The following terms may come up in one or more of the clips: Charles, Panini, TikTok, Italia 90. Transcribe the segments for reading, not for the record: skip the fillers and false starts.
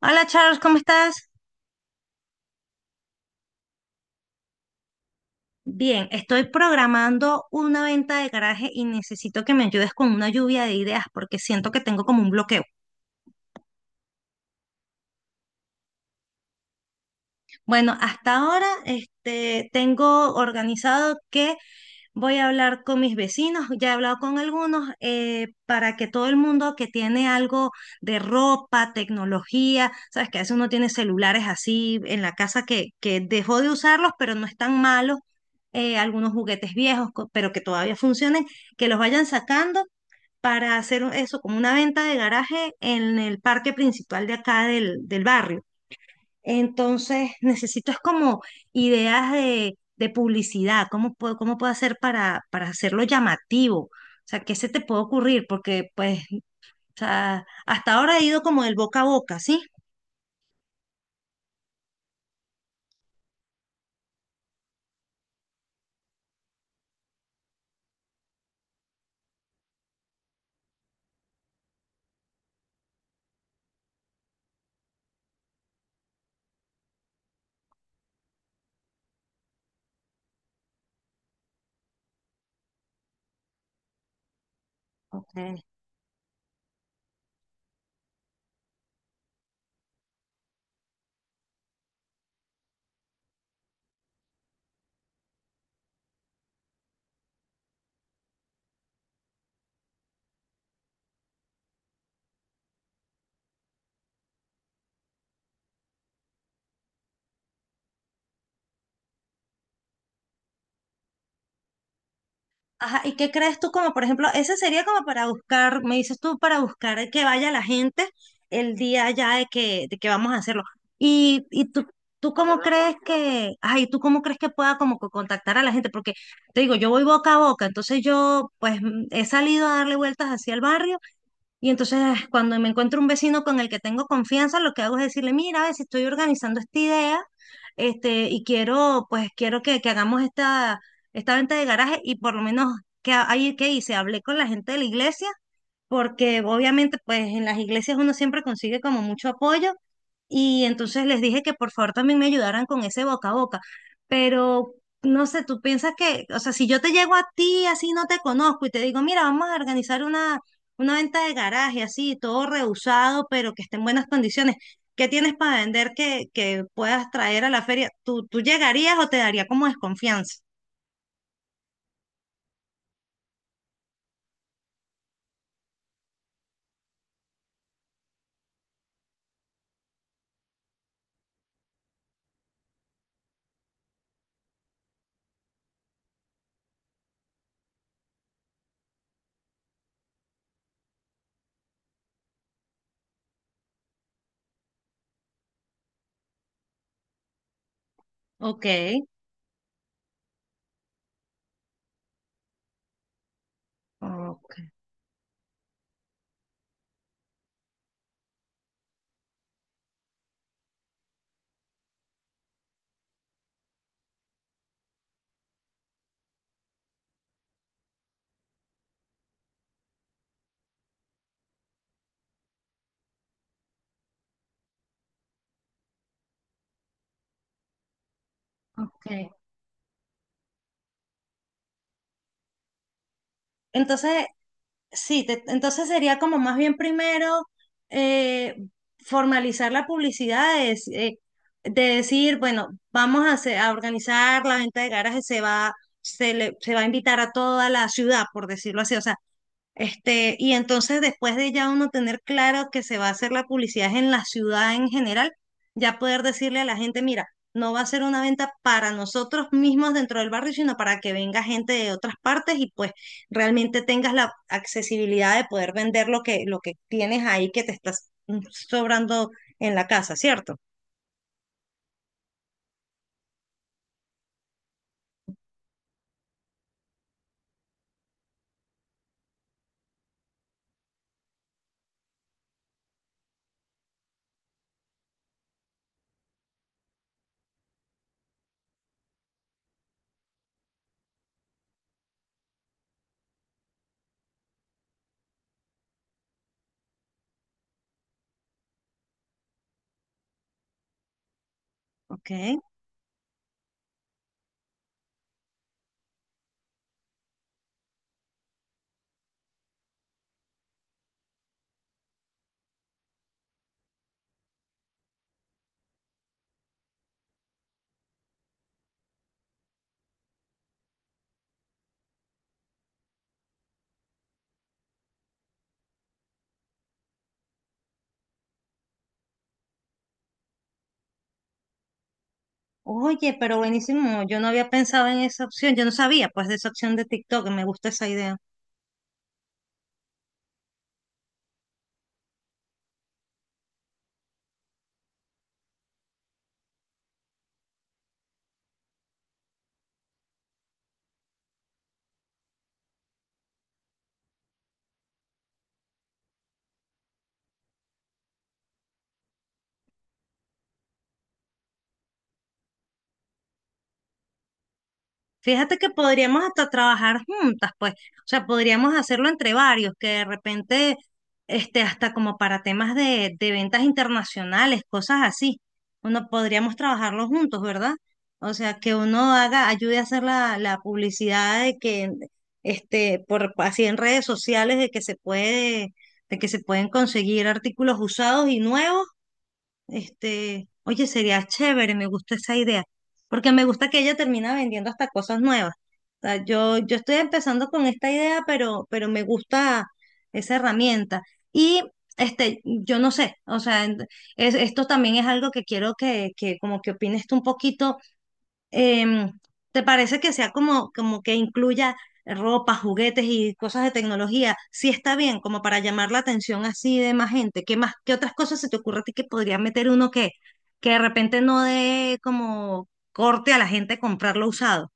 Hola Charles, ¿cómo estás? Bien, estoy programando una venta de garaje y necesito que me ayudes con una lluvia de ideas porque siento que tengo como un bloqueo. Bueno, hasta ahora tengo organizado que voy a hablar con mis vecinos, ya he hablado con algunos, para que todo el mundo que tiene algo de ropa, tecnología, sabes que a veces uno tiene celulares así en la casa que dejó de usarlos, pero no están malos, algunos juguetes viejos, pero que todavía funcionen, que los vayan sacando para hacer eso como una venta de garaje en el parque principal de acá del barrio. Entonces, necesito es como ideas de publicidad, cómo puedo hacer para hacerlo llamativo. O sea, ¿qué se te puede ocurrir? Porque, pues, o sea, hasta ahora he ido como del boca a boca, ¿sí? Ok. Ajá, ¿y qué crees tú como, por ejemplo, ese sería como para buscar, me dices tú, para buscar que vaya la gente el día ya de que vamos a hacerlo? ¿Y tú, cómo crees que, ay, tú cómo crees que pueda como contactar a la gente? Porque te digo, yo voy boca a boca, entonces yo pues he salido a darle vueltas hacia el barrio y entonces cuando me encuentro un vecino con el que tengo confianza, lo que hago es decirle, mira, a ver si estoy organizando esta idea, y quiero, pues quiero que hagamos esta, esta venta de garaje y por lo menos que ahí que hice, hablé con la gente de la iglesia porque obviamente pues en las iglesias uno siempre consigue como mucho apoyo y entonces les dije que por favor también me ayudaran con ese boca a boca, pero no sé, tú piensas que, o sea, si yo te llego a ti así no te conozco y te digo, mira, vamos a organizar una venta de garaje así, todo rehusado, pero que esté en buenas condiciones. ¿Qué tienes para vender que puedas traer a la feria? ¿Tú llegarías o te daría como desconfianza? Ok, ok, ok. Entonces, sí, entonces sería como más bien primero eh, formalizar la publicidad, de decir, bueno, vamos a, a organizar la venta de garajes, se va a invitar a toda la ciudad, por decirlo así, o sea, y entonces después de ya uno tener claro que se va a hacer la publicidad en la ciudad en general, ya poder decirle a la gente, mira, no va a ser una venta para nosotros mismos dentro del barrio, sino para que venga gente de otras partes y pues realmente tengas la accesibilidad de poder vender lo que tienes ahí que te estás sobrando en la casa, ¿cierto? Ok. Oye, pero buenísimo, yo no había pensado en esa opción, yo no sabía pues de esa opción de TikTok, me gusta esa idea. Fíjate que podríamos hasta trabajar juntas, pues. O sea, podríamos hacerlo entre varios, que de repente, hasta como para temas de ventas internacionales, cosas así. Uno podríamos trabajarlo juntos, ¿verdad? O sea, que uno haga, ayude a hacer la publicidad de que, por así en redes sociales, de que se puede, de que se pueden conseguir artículos usados y nuevos, oye, sería chévere, me gusta esa idea, porque me gusta que ella termina vendiendo hasta cosas nuevas. O sea, yo estoy empezando con esta idea, pero me gusta esa herramienta. Y yo no sé, o sea, esto también es algo que quiero que como que opines tú un poquito. em, ¿Te parece que sea como, como que incluya ropa, juguetes y cosas de tecnología? Sí está bien, como para llamar la atención así de más gente. ¿Qué más, qué otras cosas se te ocurre a ti que podría meter uno que de repente no dé como corte a la gente comprarlo usado?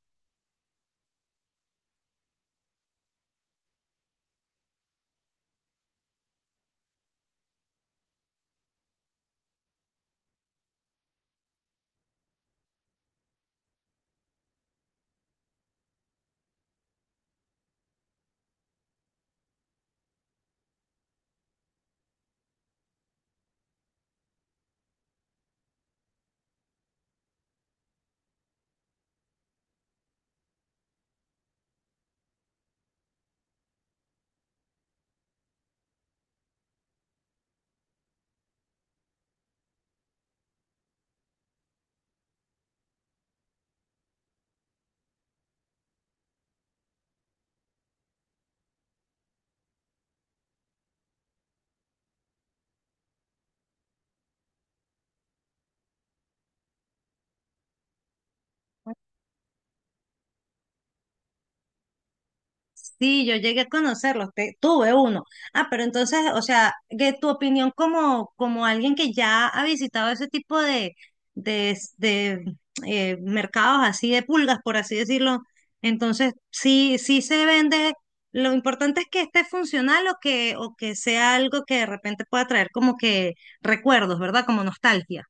Sí, yo llegué a conocerlos, tuve uno. Ah, pero entonces, o sea, de tu opinión como, como alguien que ya ha visitado ese tipo de, de mercados así de pulgas, por así decirlo, entonces sí, sí se vende. Lo importante es que esté funcional o que sea algo que de repente pueda traer como que recuerdos, ¿verdad? Como nostalgia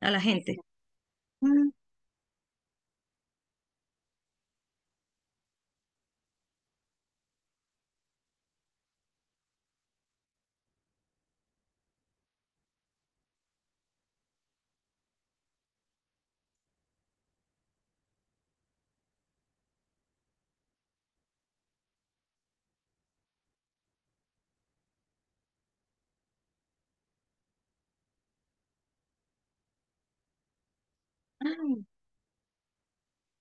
a la gente. Mm, ah,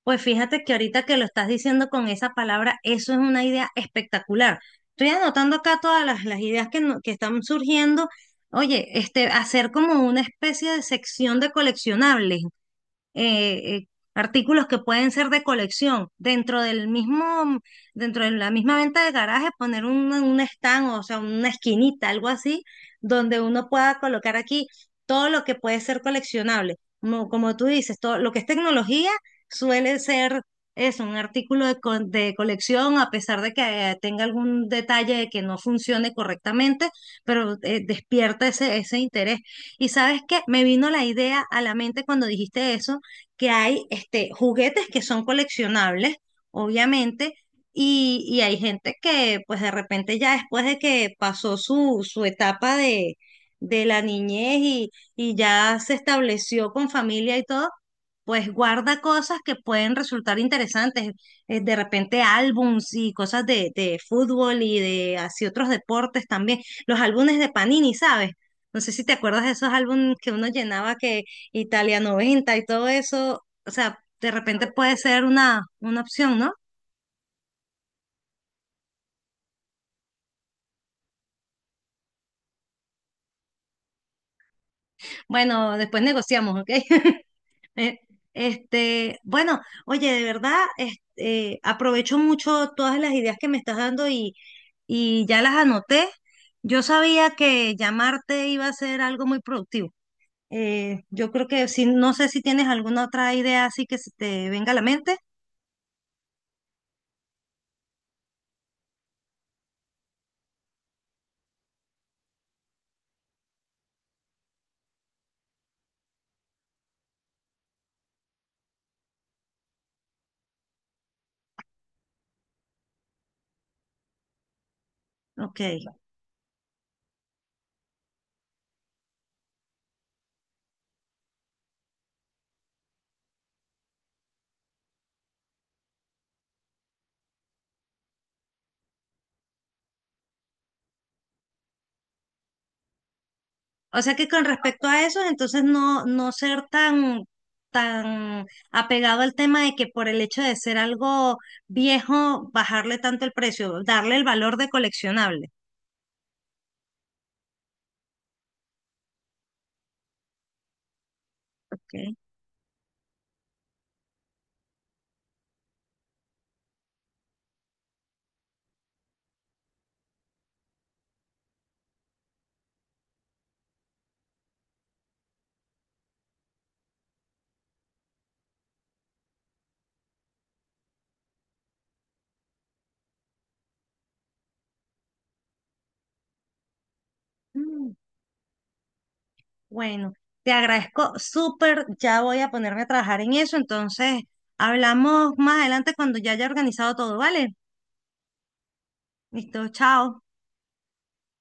pues fíjate que ahorita que lo estás diciendo con esa palabra, eso es una idea espectacular. Estoy anotando acá todas las ideas que, no- que están surgiendo. Oye, hacer como una especie de sección de coleccionables, eh, eh, artículos que pueden ser de colección. Dentro de la misma venta de garaje, poner un stand, o sea, una esquinita, algo así, donde uno pueda colocar aquí todo lo que puede ser coleccionable. Como, como tú dices, todo lo que es tecnología suele ser eso, un artículo de colección, a pesar de que tenga algún detalle de que no funcione correctamente, pero despierta ese, ese interés. Y sabes qué, me vino la idea a la mente cuando dijiste eso, que hay juguetes que son coleccionables, obviamente, y hay gente que pues de repente ya después de que pasó su etapa de la niñez y ya se estableció con familia y todo, pues guarda cosas que pueden resultar interesantes. De repente álbums y cosas de fútbol y de así otros deportes también, los álbumes de Panini, ¿sabes? No sé si te acuerdas de esos álbumes que uno llenaba que Italia 90 y todo eso, o sea, de repente puede ser una opción, ¿no? Bueno, después negociamos, ¿ok? Eh, bueno, oye, de verdad, aprovecho mucho todas las ideas que me estás dando y ya las anoté. Yo sabía que llamarte iba a ser algo muy productivo. Yo creo que si, no sé si tienes alguna otra idea así que se te venga a la mente. Ok. O sea que con respecto a eso, entonces no, no ser tan, tan apegado al tema de que por el hecho de ser algo viejo, bajarle tanto el precio, darle el valor de coleccionable. Ok. Mm, bueno, te agradezco súper, ya voy a ponerme a trabajar en eso, entonces hablamos más adelante cuando ya haya organizado todo, ¿vale? Listo, chao.